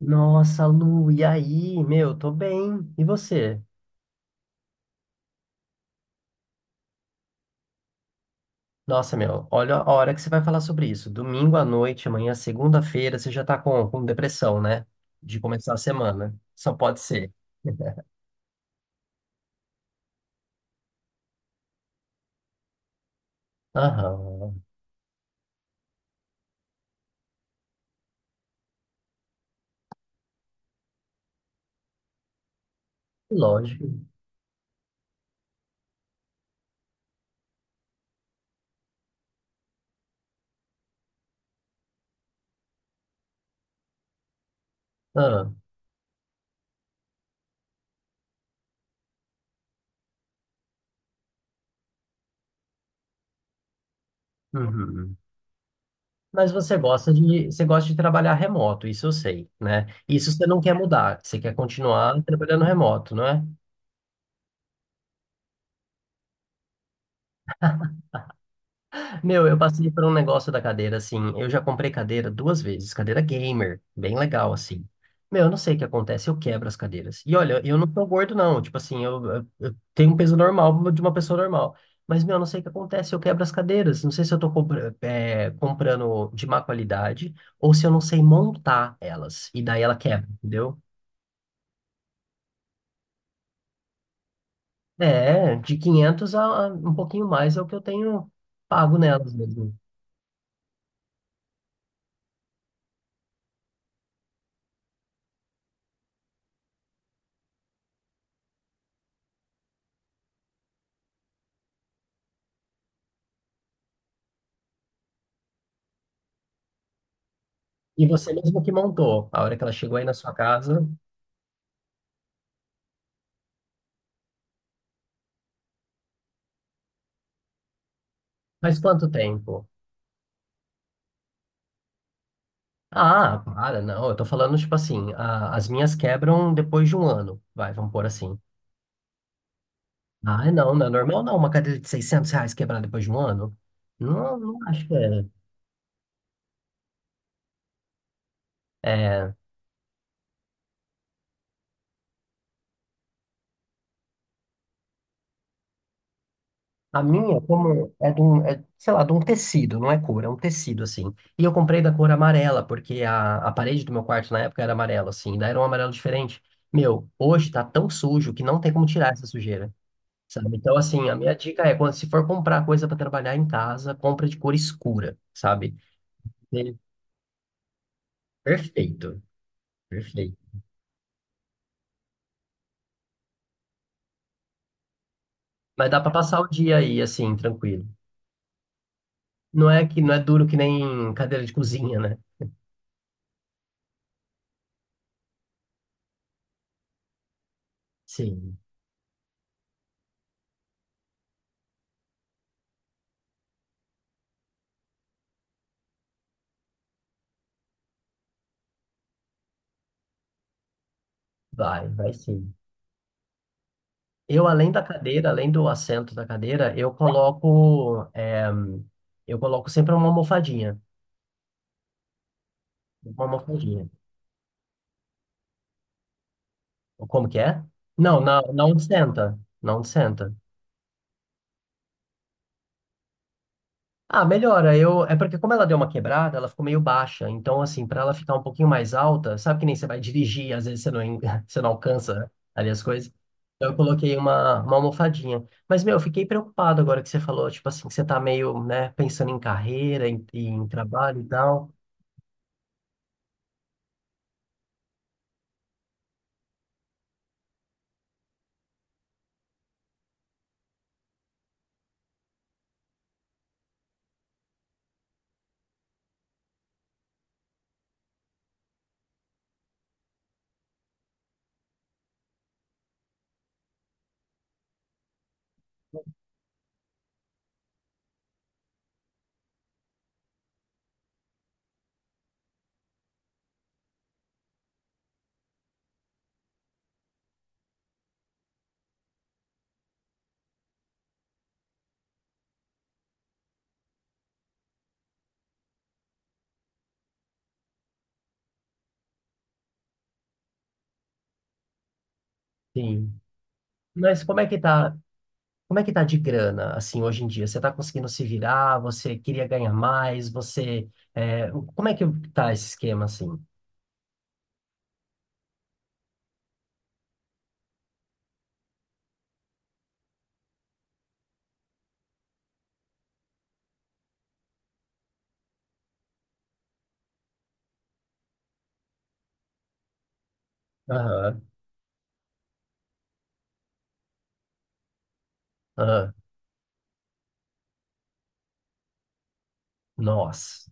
Nossa, Lu, e aí? Meu, tô bem. E você? Nossa, meu, olha a hora que você vai falar sobre isso. Domingo à noite, amanhã, segunda-feira, você já tá com depressão, né? De começar a semana. Só pode ser. Aham, lógico. Ah, uhum. Mas você gosta de trabalhar remoto, isso eu sei, né? Isso você não quer mudar, você quer continuar trabalhando remoto, não é? Meu, eu passei por um negócio da cadeira, assim. Eu já comprei cadeira 2 vezes, cadeira gamer, bem legal, assim. Meu, eu não sei o que acontece, eu quebro as cadeiras. E olha, eu não sou gordo, não. Tipo assim, eu, eu tenho um peso normal de uma pessoa normal. Mas, meu, eu não sei o que acontece, eu quebro as cadeiras. Não sei se eu tô comprando de má qualidade ou se eu não sei montar elas. E daí ela quebra, entendeu? É, de 500 a um pouquinho mais é o que eu tenho pago nelas mesmo. E você mesmo que montou, a hora que ela chegou aí na sua casa. Faz quanto tempo? Ah, para, não. Eu tô falando, tipo assim, as minhas quebram depois de 1 ano. Vai, vamos pôr assim. Ah, não, não é normal não. Uma cadeira de 600 reais quebrar depois de 1 ano? Não, não acho que é. É, a minha, como é de um, é, sei lá, de um tecido, não é cor, é um tecido, assim. E eu comprei da cor amarela, porque a parede do meu quarto na época era amarela, assim. Daí era um amarelo diferente. Meu, hoje tá tão sujo que não tem como tirar essa sujeira. Sabe? Então, assim, a minha dica é, quando se for comprar coisa para trabalhar em casa, compra de cor escura, sabe? E- Perfeito, perfeito. Mas dá para passar o dia aí, assim, tranquilo. Não é que não é duro que nem cadeira de cozinha, né? Sim, vai sim. Eu, além da cadeira, além do assento da cadeira, eu coloco, é, eu coloco sempre uma almofadinha, uma almofadinha. Como que é? Não, na onde senta, na onde senta. Ah, melhora. Eu, é porque como ela deu uma quebrada, ela ficou meio baixa. Então, assim, para ela ficar um pouquinho mais alta, sabe que nem você vai dirigir, às vezes você não, você não alcança né, ali as coisas. Então, eu coloquei uma almofadinha. Mas, meu, eu fiquei preocupado agora que você falou, tipo assim, que você tá meio, né, pensando em carreira, em, em trabalho e tal. Sim. Mas como é que tá, como é que tá de grana, assim, hoje em dia? Você tá conseguindo se virar? Você queria ganhar mais? Você, é, como é que tá esse esquema, assim? Aham, aham. Nossa.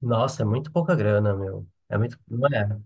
Nossa, é muito pouca grana, meu. É muito. Não é?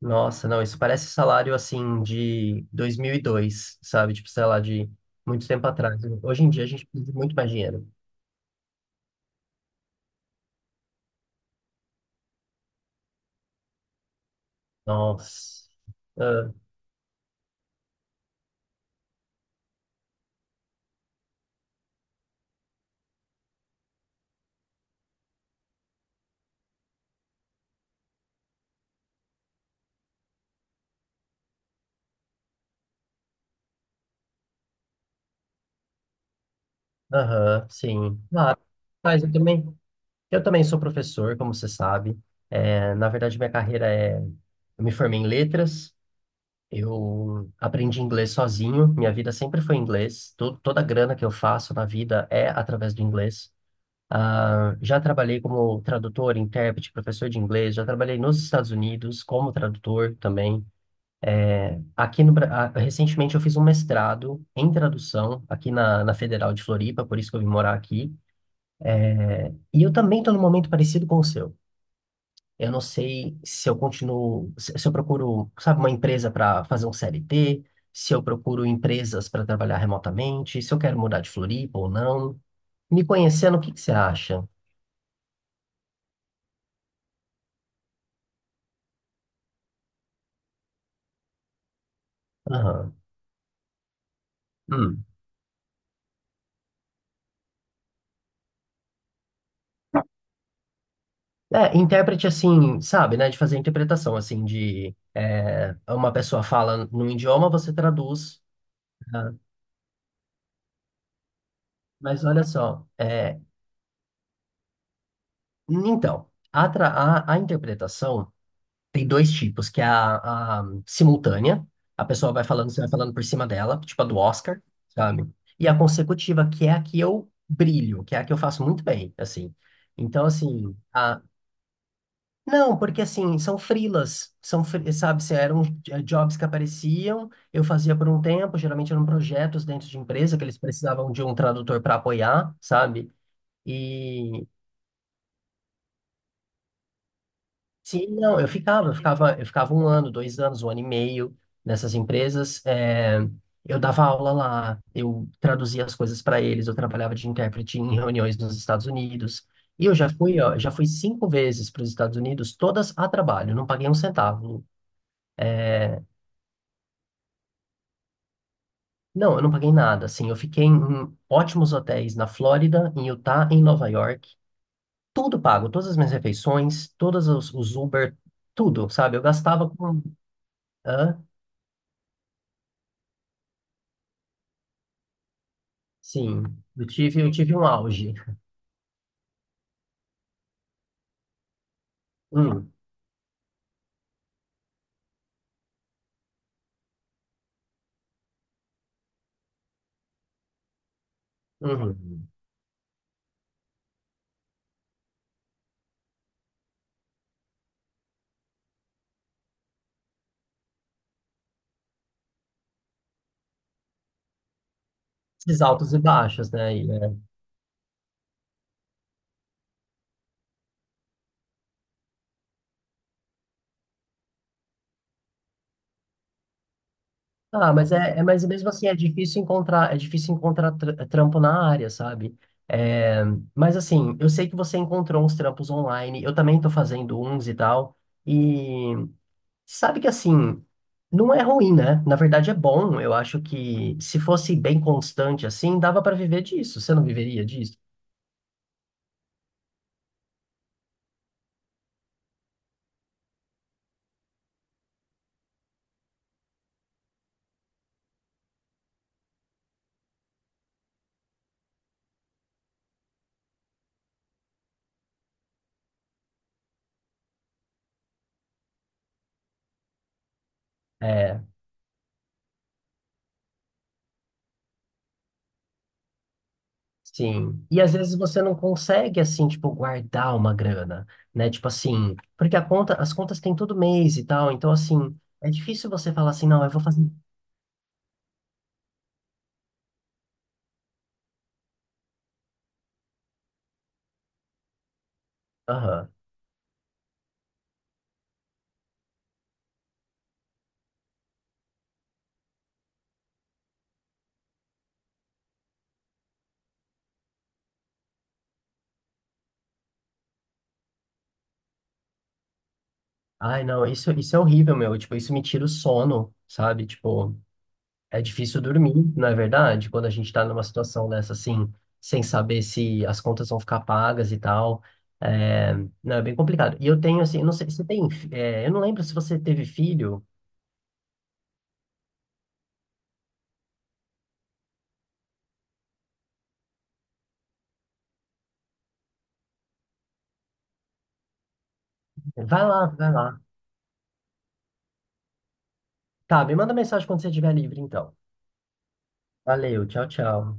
Nossa, não, isso parece salário assim de 2002, sabe? Tipo, sei lá, de muito tempo atrás. Hoje em dia a gente precisa de muito mais dinheiro. Nossa. Ah, Aham, sim. Claro, mas eu também sou professor, como você sabe. É, na verdade, minha carreira é. Eu me formei em letras, eu aprendi inglês sozinho, minha vida sempre foi inglês. Toda a grana que eu faço na vida é através do inglês. Ah, já trabalhei como tradutor, intérprete, professor de inglês, já trabalhei nos Estados Unidos como tradutor também. É, Aqui no, Bra- ah, recentemente eu fiz um mestrado em tradução aqui na Federal de Floripa, por isso que eu vim morar aqui. E eu também estou num momento parecido com o seu. Eu não sei se eu continuo, se eu procuro, sabe, uma empresa para fazer um CLT, se eu procuro empresas para trabalhar remotamente, se eu quero mudar de Floripa ou não. Me conhecendo, o que que você acha? Aham. Hum. É, intérprete assim, sabe, né? De fazer interpretação, assim, de é, uma pessoa fala num idioma, você traduz. Né? Mas olha só, é, então, a interpretação tem dois tipos, que é a simultânea, a pessoa vai falando, você vai falando por cima dela, tipo a do Oscar, sabe? E a consecutiva, que é a que eu brilho, que é a que eu faço muito bem, assim. Então, assim, não, porque assim, são freelas, são, sabe, se eram jobs que apareciam, eu fazia por um tempo, geralmente eram projetos dentro de empresa que eles precisavam de um tradutor para apoiar, sabe? E sim, não, eu ficava um ano, 2 anos, um ano e meio nessas empresas, eu dava aula lá, eu traduzia as coisas para eles, eu trabalhava de intérprete em reuniões nos Estados Unidos. E eu já fui, ó, já fui 5 vezes para os Estados Unidos, todas a trabalho, não paguei um centavo. Não, eu não paguei nada. Assim, eu fiquei em ótimos hotéis na Flórida, em Utah, em Nova York. Tudo pago, todas as minhas refeições, todos os Uber, tudo, sabe? Eu gastava com. Hã? Sim, eu tive um auge. Hum, uhum. Esses altos e baixos, né? E, é, ah, mas mesmo assim é difícil encontrar trampo na área, sabe? É, mas assim, eu sei que você encontrou uns trampos online. Eu também tô fazendo uns e tal. E sabe que assim, não é ruim, né? Na verdade é bom. Eu acho que se fosse bem constante assim, dava para viver disso. Você não viveria disso? É, sim. E às vezes você não consegue assim, tipo, guardar uma grana, né? Tipo assim, porque a conta, as contas têm todo mês e tal, então assim, é difícil você falar assim, não, eu vou fazer. Aham. Ai, não, isso é horrível, meu. Tipo, isso me tira o sono, sabe? Tipo, é difícil dormir, não é verdade? Quando a gente está numa situação dessa, assim, sem saber se as contas vão ficar pagas e tal. É, não, é bem complicado. E eu tenho, assim, eu não sei, se você tem, eu não lembro se você teve filho. Vai lá, vai lá. Tá, me manda mensagem quando você estiver livre, então. Valeu, tchau, tchau.